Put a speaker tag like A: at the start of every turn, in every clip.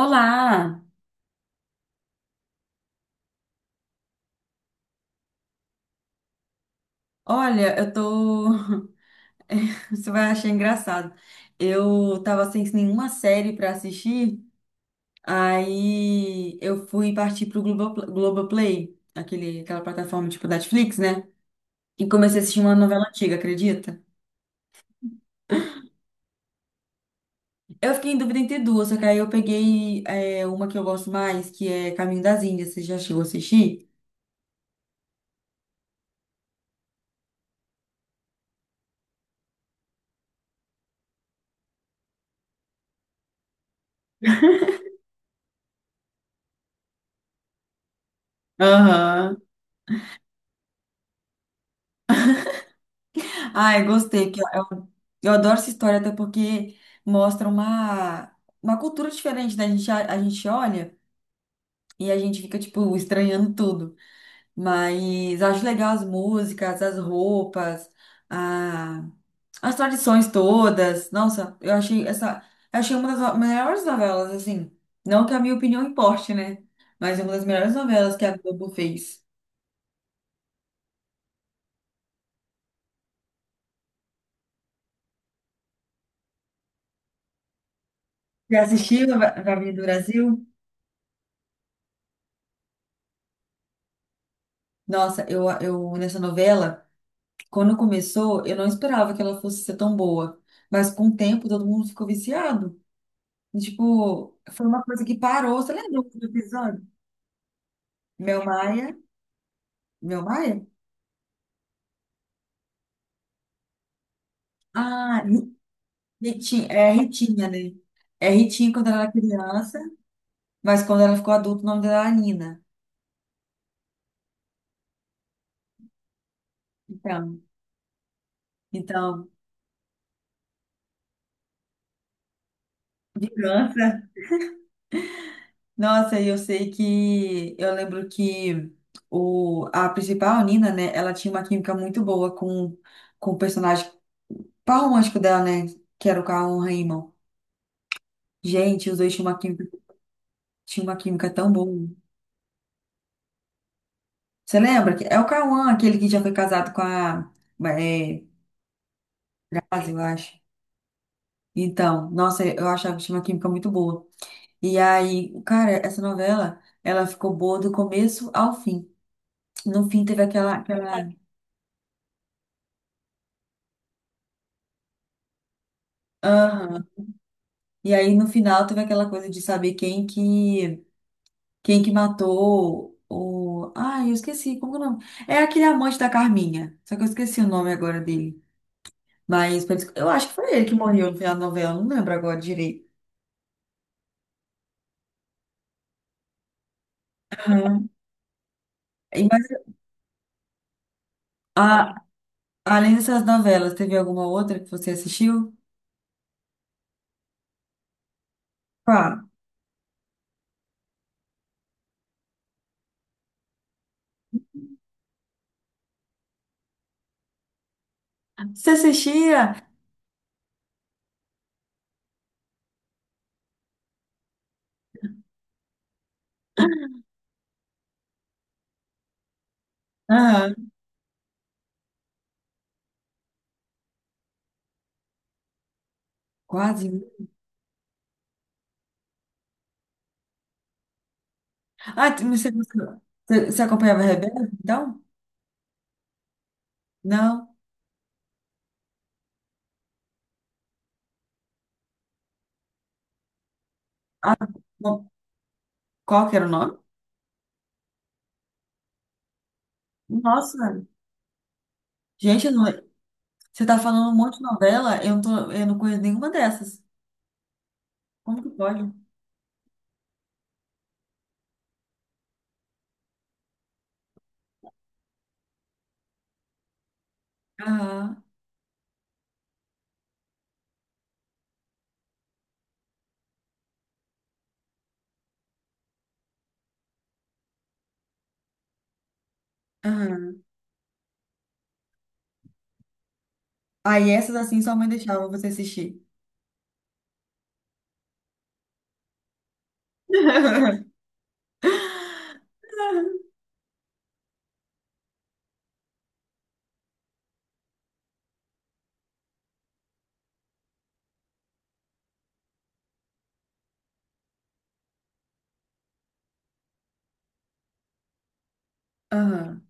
A: Olá! Olha, eu tô. Você vai achar engraçado. Eu tava sem nenhuma série pra assistir, aí eu fui partir pro Globoplay, aquela plataforma tipo Netflix, né? E comecei a assistir uma novela antiga, acredita? Eu fiquei em dúvida entre duas, só que aí eu peguei uma que eu gosto mais, que é Caminho das Índias. Você já chegou a assistir? Aham. Ai, gostei, que eu adoro essa história, até porque mostra uma cultura diferente, né? A gente olha, e a gente fica, tipo, estranhando tudo. Mas acho legal as músicas, as roupas, a, as tradições todas. Nossa, eu achei essa. Eu achei uma das melhores novelas, assim. Não que a minha opinião importe, né? Mas é uma das melhores novelas que a Globo fez. Já assistiu a Varinha do Brasil? Nossa, eu nessa novela. Quando começou, eu não esperava que ela fosse ser tão boa. Mas com o tempo, todo mundo ficou viciado. E, tipo, foi uma coisa que parou. Você lembra do episódio? Mel Maia. Mel Maia? Ah, Ri- Ritinha. É Ritinha, né? É Ritinha quando ela era criança, mas quando ela ficou adulta, o nome dela era Nina. Então, então, vingança. Nossa, e eu sei que… Eu lembro que a principal, Nina, né? Ela tinha uma química muito boa com o personagem, par romântico dela, né? Que era o Cauã Raymond. Gente, os dois tinham uma química tão boa. Você lembra? Que É o Cauã, aquele que já foi casado com a é, Grazi, eu acho. Então, nossa, eu achava que tinha uma química muito boa. E aí, cara, essa novela, ela ficou boa do começo ao fim. No fim teve aquela. Aham. E aí, no final, teve aquela coisa de saber quem que matou o. ah eu esqueci. Como que é o nome? É aquele amante da Carminha. Só que eu esqueci o nome agora dele. Mas eu acho que foi ele que morreu no final da novela, não lembro agora direito. Aham. E, mas, a- além dessas novelas, teve alguma outra que você assistiu? Qual? Você assistia? Aham. Quase. Você, você acompanhava Rebelde, então? Não. Ah, bom, qual que era o nome? Nossa, gente, eu não, você tá falando um monte de novela, eu não conheço nenhuma dessas. Como que pode? Aham, aham. Aí essas assim sua mãe deixava você assistir. Aham.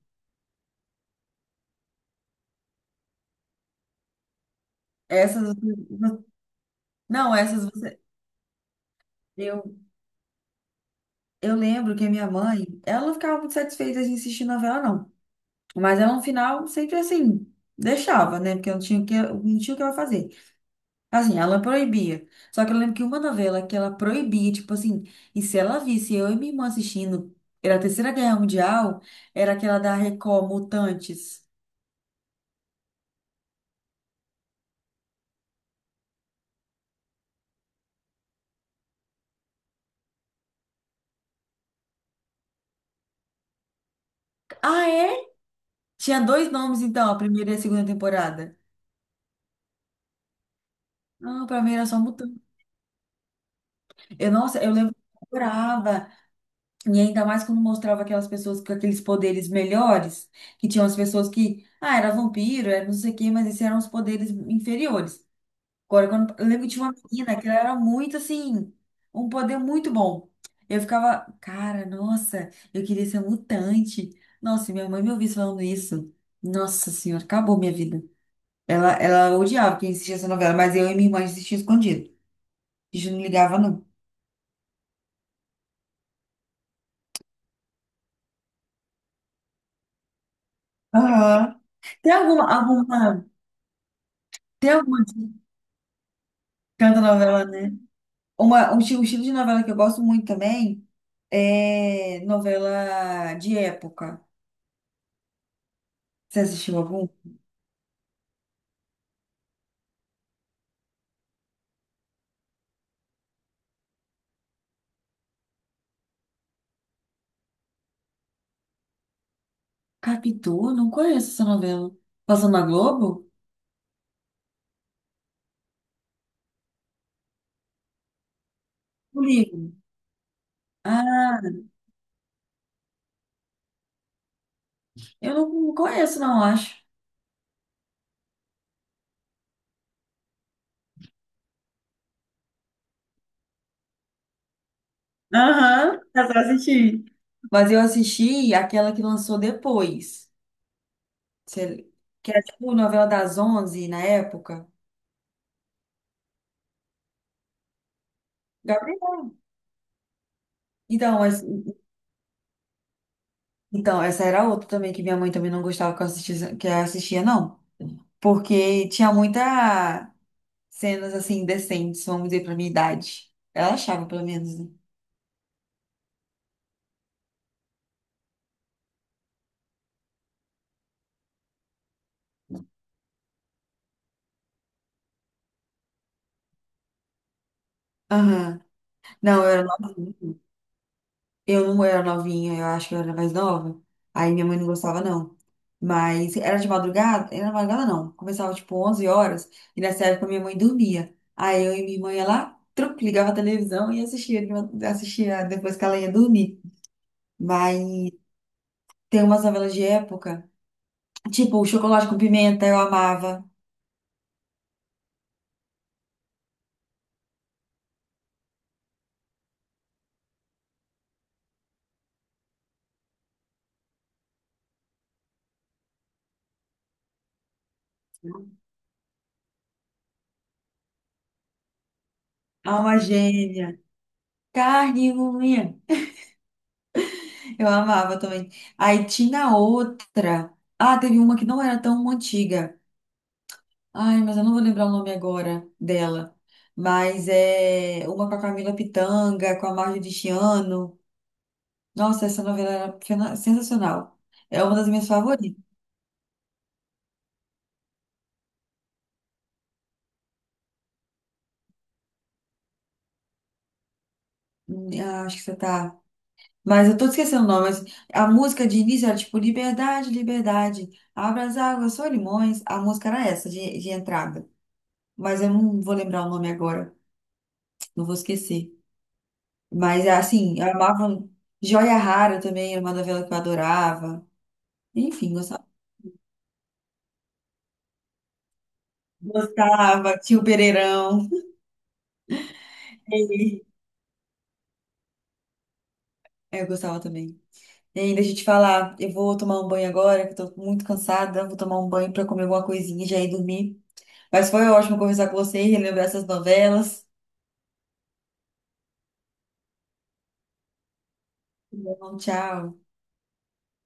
A: Essas. Não, essas você. Eu, eu lembro que a minha mãe, ela não ficava muito satisfeita de assistir novela, não. Mas ela no final sempre assim, deixava, né? Porque eu não tinha o que, eu não tinha o que ela fazer. Assim, ela proibia. Só que eu lembro que uma novela que ela proibia, tipo assim, e se ela visse eu e minha irmã assistindo, era a Terceira Guerra Mundial, era aquela da Record, Mutantes. Ah, é? Tinha dois nomes, então, a primeira e a segunda temporada. Não, pra mim era só Mutante. Nossa, eu lembro que eu adorava. E ainda mais quando mostrava aquelas pessoas com aqueles poderes melhores, que tinham as pessoas que, era vampiro, era não sei o quê, mas esses eram os poderes inferiores. Agora, eu lembro que tinha uma menina que ela era muito assim, um poder muito bom. Eu ficava, cara, nossa, eu queria ser mutante. Nossa, e minha mãe me ouvisse falando isso. Nossa senhora, acabou minha vida. Ela odiava que eu assistia essa novela, mas eu e minha irmã assistia escondido. A gente não ligava, não. Aham. Tem alguma, alguma, tem alguma que canta novela, né? Um estilo de novela que eu gosto muito também é novela de época. Você assistiu algum? Capitu? Não conheço essa novela. Passando na Globo? O livro. Ah, eu não conheço, não, acho. Aham, é só assistir. Mas eu assisti aquela que lançou depois. Cê- Que era tipo novela das 11 na época. Gabriela. Então, mas, então, essa era outra também que minha mãe também não gostava que eu assistia, não. Porque tinha muita cenas assim indecentes, vamos dizer, pra minha idade. Ela achava, pelo menos, né? Aham. Não, eu era nova. Eu não era novinha, eu acho que eu era mais nova. Aí minha mãe não gostava, não. Mas era de madrugada? Era de madrugada, não. Começava tipo 11 horas e nessa época minha mãe dormia. Aí eu e minha irmã ia lá, truc, ligava a televisão e assistia, assistia depois que ela ia dormir. Mas tem umas novelas de época, tipo o Chocolate com Pimenta, eu amava. Alma Gêmea, Carne e Unha, eu amava também. Aí tinha outra. Ah, teve uma que não era tão antiga. Ai, mas eu não vou lembrar o nome agora dela. Mas é uma com a Camila Pitanga, com a Marjorie Chiano. Nossa, essa novela era sensacional. É uma das minhas favoritas. Acho que você tá. Mas eu tô esquecendo o nome. Mas a música de início era tipo Liberdade, Liberdade. Abra as águas, só limões. A música era essa de entrada. Mas eu não vou lembrar o nome agora. Não vou esquecer. Mas assim, eu amava. Joia Rara também era uma novela que eu adorava. Enfim, gostava. Gostava, tio Pereirão. Ei. É, eu gostava também. Ei, deixa eu te falar, eu vou tomar um banho agora, que eu tô muito cansada. Vou tomar um banho pra comer alguma coisinha e já ir dormir. Mas foi ótimo conversar com você e relembrar essas novelas. Tá bom, tchau.